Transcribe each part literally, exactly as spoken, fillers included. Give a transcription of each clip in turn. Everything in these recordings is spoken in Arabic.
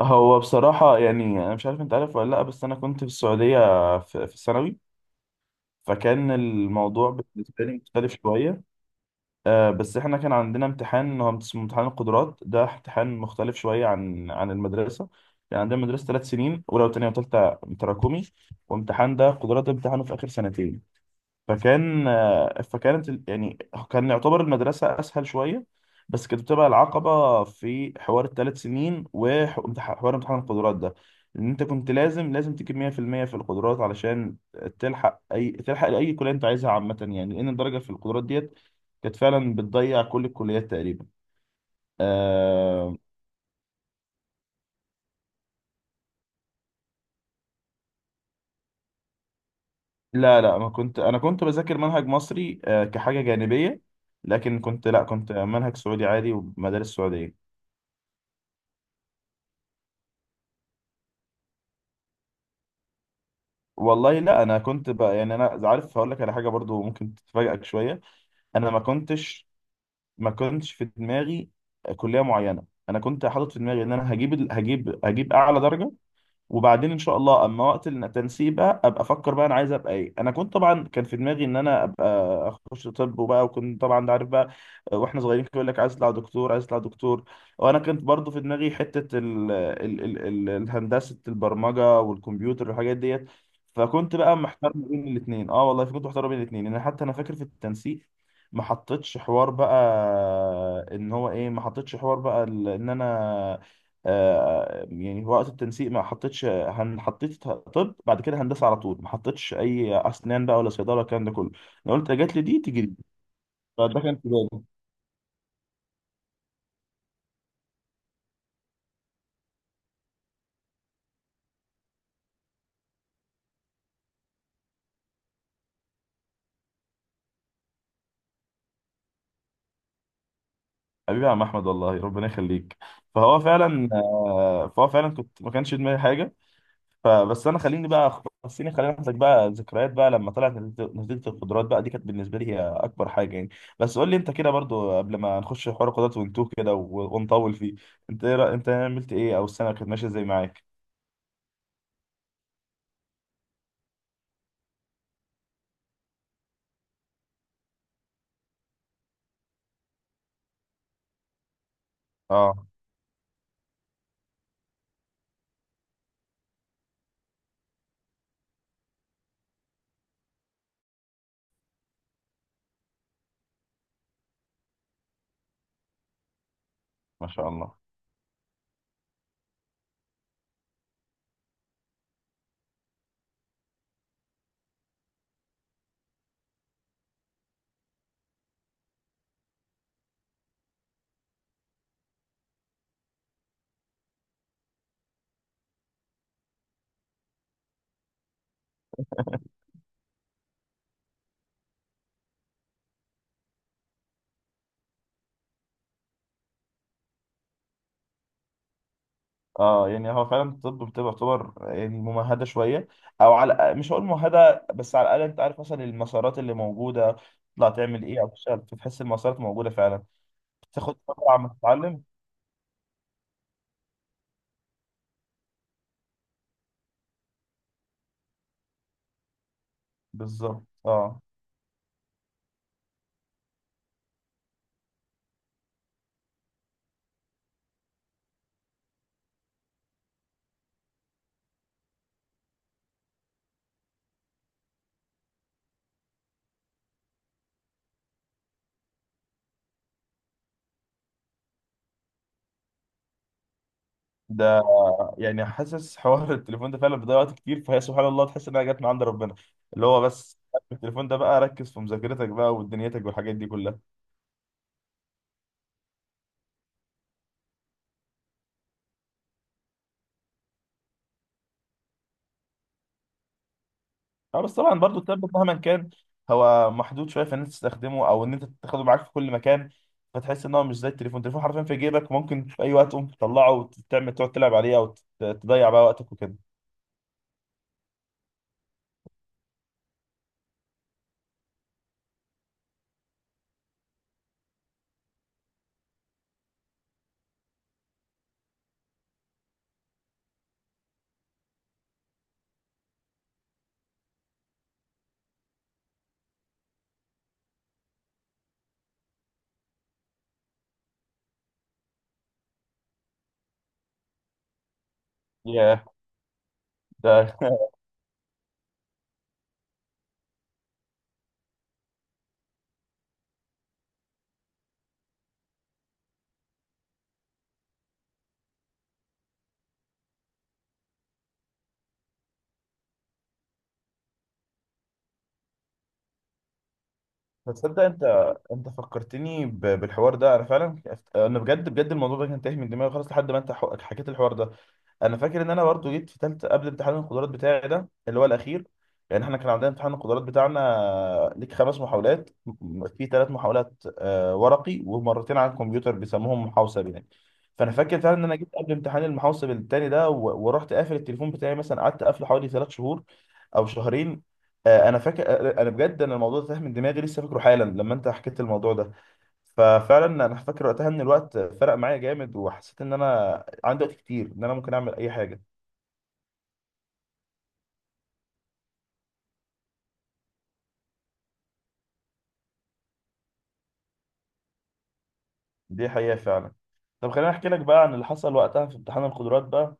هو بصراحة، يعني، أنا مش عارف أنت عارف ولا لأ. بس أنا كنت في السعودية في في الثانوي. فكان الموضوع بالنسبة لي مختلف شوية. آه، بس إحنا كان عندنا امتحان، هو اسمه امتحان القدرات. ده امتحان مختلف شوية عن عن المدرسة. يعني عندنا مدرسة تلات سنين، أولى وتانية وتالتة، تراكمي. وامتحان ده، قدرات ده، امتحانه في آخر سنتين. فكان آه، فكانت ال- يعني كان يعتبر المدرسة أسهل شوية، بس كانت بتبقى العقبة في حوار التلات سنين وحوار امتحان القدرات ده. إن أنت كنت لازم لازم تجيب مية في المية في المية في القدرات علشان تلحق أي تلحق لأي كلية أنت عايزها، عامة يعني، لأن الدرجة في القدرات ديت كانت فعلا بتضيع كل الكليات تقريبا. آه، لا لا، ما كنت. أنا كنت بذاكر منهج مصري، آه كحاجة جانبية، لكن كنت، لا، كنت منهج سعودي عادي ومدارس سعودية. والله، لا، انا كنت بقى، يعني، انا عارف هقول لك على حاجه برضو ممكن تفاجئك شويه. انا ما كنتش، ما كنتش في دماغي كليه معينه. انا كنت حاطط في دماغي ان انا هجيب ال- هجيب هجيب اعلى درجه، وبعدين ان شاء الله اما وقت التنسيق بقى ابقى افكر بقى انا عايز ابقى ايه. انا كنت طبعا كان في دماغي ان انا ابقى اخش طب. وبقى وكنت طبعا، انت عارف، بقى واحنا صغيرين كان يقول لك عايز تطلع دكتور عايز تطلع دكتور. وانا كنت برضو في دماغي حته ال ال ال ال الهندسه، البرمجه والكمبيوتر والحاجات ديت. فكنت بقى محتار ما بين الاثنين. اه والله كنت محتار ما بين الاثنين، لان حتى انا فاكر في التنسيق ما حطيتش حوار بقى ان هو ايه. ما حطيتش حوار بقى ال- ان انا، آه، يعني، في وقت التنسيق ما حطيتش. هن حطيت طب، بعد كده هندسه على طول. ما حطيتش اي اسنان بقى ولا صيدله، الكلام ده كله. انا قلت جات لي دي، تيجي دي. فده كان في بالي. حبيبي يا عم احمد، والله ربنا يخليك. فهو فعلا آه، فهو فعلا كنت ما كانش في دماغي حاجه. فبس انا، خليني بقى خليني خليني اخدك بقى ذكريات بقى لما طلعت نتيجه نتيجة القدرات بقى دي، كانت بالنسبه لي هي اكبر حاجه يعني. بس قول لي انت كده برضو، قبل ما نخش حوار القدرات ونتوه كده و- ونطول فيه، انت ايه رأ- انت عملت ايه، او السنه كانت ماشيه ازاي معاك؟ اه. ما شاء الله. اه، يعني هو فعلا الطب بتبقى تعتبر يعني ممهده شويه، او على، مش هقول ممهده، بس على الاقل انت عارف مثلا المسارات اللي موجوده تطلع تعمل ايه او تشتغل، بتحس المسارات موجوده فعلا. بتاخد فتره عم تتعلم. بالظبط، اه. ده، يعني، حاسس حوار التليفون ده فعلا بيضيع وقت كتير، فهي سبحان الله تحس انها جت من عند ربنا. اللي هو، بس التليفون ده بقى، ركز في مذاكرتك بقى ودنيتك والحاجات دي كلها. اه، بس طبعا برضو التابلت مهما كان هو محدود شويه في ان انت تستخدمه او ان انت تاخده معاك في كل مكان. فتحس ان هو مش زي التليفون. التليفون حرفيا في جيبك، ممكن في اي وقت تقوم تطلعه وتعمل، تقعد تلعب عليه او ت- تضيع بقى وقتك وكده. ياه. ده تصدق انت انت فكرتني ب- بالحوار ده. انا فعلا، انا بجد بجد الموضوع ده كان تايه من دماغي خالص لحد ما انت حو- حكيت الحوار ده. انا فاكر ان انا برضو جيت في ثالثه قبل امتحان القدرات بتاعي ده اللي هو الاخير. يعني احنا كان عندنا امتحان القدرات بتاعنا ليك خمس محاولات، م- في تلات محاولات آه، ورقي ومرتين على الكمبيوتر، بيسموهم محوسب يعني. فانا فاكر فعلا ان انا جيت قبل امتحان المحوسب التاني ده و- ورحت قافل التليفون بتاعي، مثلا قعدت قافله حوالي تلات شهور او شهرين. آه، انا فاكر، آه، انا بجد انا الموضوع ده تاه من دماغي، لسه فاكره حالا لما انت حكيت الموضوع ده. ففعلا انا فاكر وقتها ان الوقت فرق معايا جامد، وحسيت ان انا عندي وقت كتير ان انا ممكن اعمل اي حاجه. دي حقيقه فعلا. طب خليني احكي لك بقى عن اللي حصل وقتها في امتحان القدرات بقى.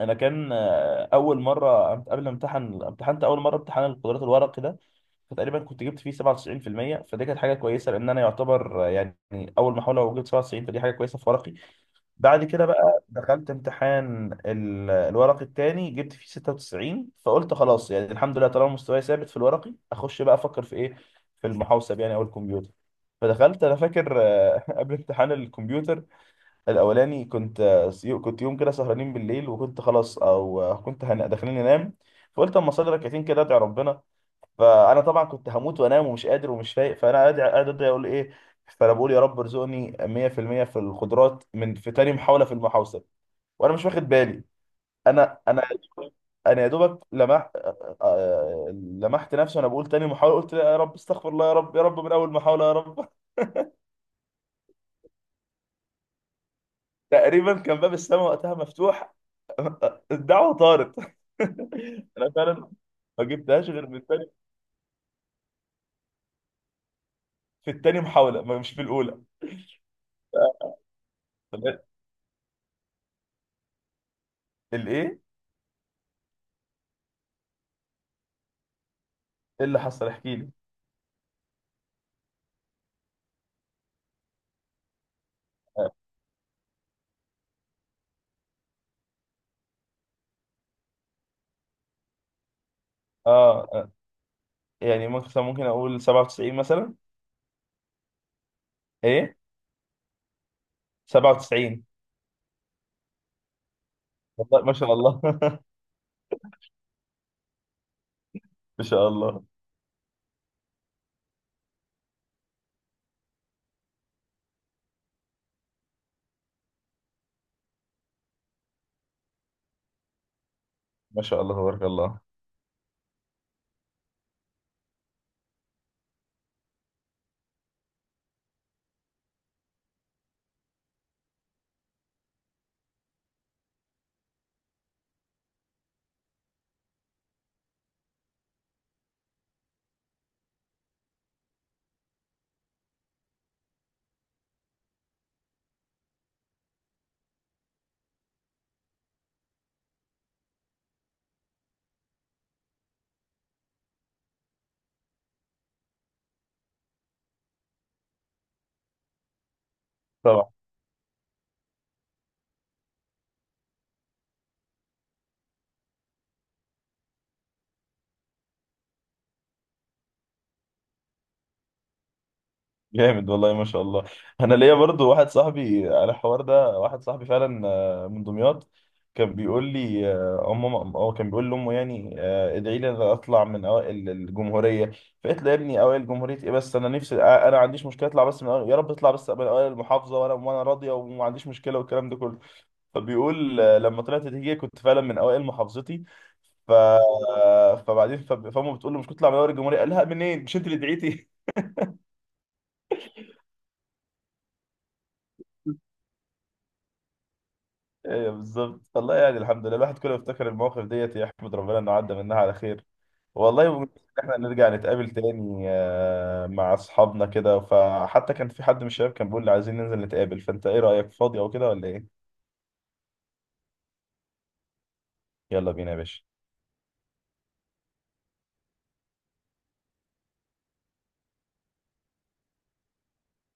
انا كان، آه، اول مره أمت- قبل ما امتحن، امتحنت اول مره امتحان القدرات الورقي ده. فتقريبا كنت جبت فيه سبعة وتسعين في المية، فدي كانت حاجه كويسه لان انا يعتبر، آه، يعني، اول محاوله وجبت سبعة وتسعين، فدي حاجه كويسه في ورقي. بعد كده بقى دخلت امتحان ال- الورق التاني، جبت فيه ستة وتسعين، فقلت خلاص يعني الحمد لله. طالما مستواي ثابت في الورقي، اخش بقى افكر في ايه، في المحوسب يعني او الكمبيوتر. فدخلت، انا فاكر، آه، قبل امتحان الكمبيوتر الاولاني كنت، آه، سي- كنت يوم كده سهرانين بالليل وكنت خلاص، او آه، كنت هن- داخلين انام. فقلت اما اصلي ركعتين كده ادعي ربنا. فانا طبعا كنت هموت وانام ومش قادر ومش فايق، فانا قاعد قاعد ادعي اقول ايه. فانا بقول يا رب ارزقني مية في المية في المية في الخضروات من في تاني محاوله في المحاوصه، وانا مش واخد بالي. انا، انا انا يا دوبك لمحت آه، آه، لمحت نفسي وانا بقول تاني محاوله، قلت لا يا رب، استغفر الله، يا رب يا رب من اول محاوله يا رب تقريبا كان باب السماء وقتها مفتوح، الدعوه طارت انا فعلا ما جبتهاش غير من التاني، في التاني محاوله، ما- مش في الاولى. طب الايه، إيه اللي حصل، احكي لي. اه، آه، يعني مثلا ممكن اقول سبعة وتسعين مثلا. ايه؟ سبعة وتسعين. والله ما شاء الله ما شاء الله. ما شاء الله تبارك الله. طبعا. جامد والله ما شاء الله. انا ليا برضو واحد صاحبي على الحوار ده، واحد صاحبي فعلا، آه، من دمياط، كان بيقول لي، آه، امه، هو كان بيقول لامه، يعني، آه، ادعي لي إن أنا اطلع من اوائل الجمهوريه. فقلت له يا ابني، اوائل جمهوريه ايه، بس انا نفسي، آه، انا ما عنديش مشكله اطلع بس من أوائل، يا رب اطلع بس من اوائل المحافظه وانا وانا راضيه وما عنديش مشكله والكلام ده كله. فبيقول، آه، لما طلعت نتيجة كنت فعلا من اوائل محافظتي. ف... فبعدين، فب- فامه بتقول له مش كنت تطلع من اول الجمهورية، قال لها منين، مش انت اللي دعيتي؟ ايوه بالظبط. والله، يعني، الحمد لله، الواحد كله بيفتكر المواقف ديت يحمد ربنا انه عدى منها على خير. والله. وإن احنا نرجع نتقابل تاني، آه، مع اصحابنا كده، فحتى كان في حد من الشباب كان بيقول لي عايزين ننزل نتقابل، فانت ايه رأيك، فاضي او كده ولا ايه؟ يلا بينا يا باشا.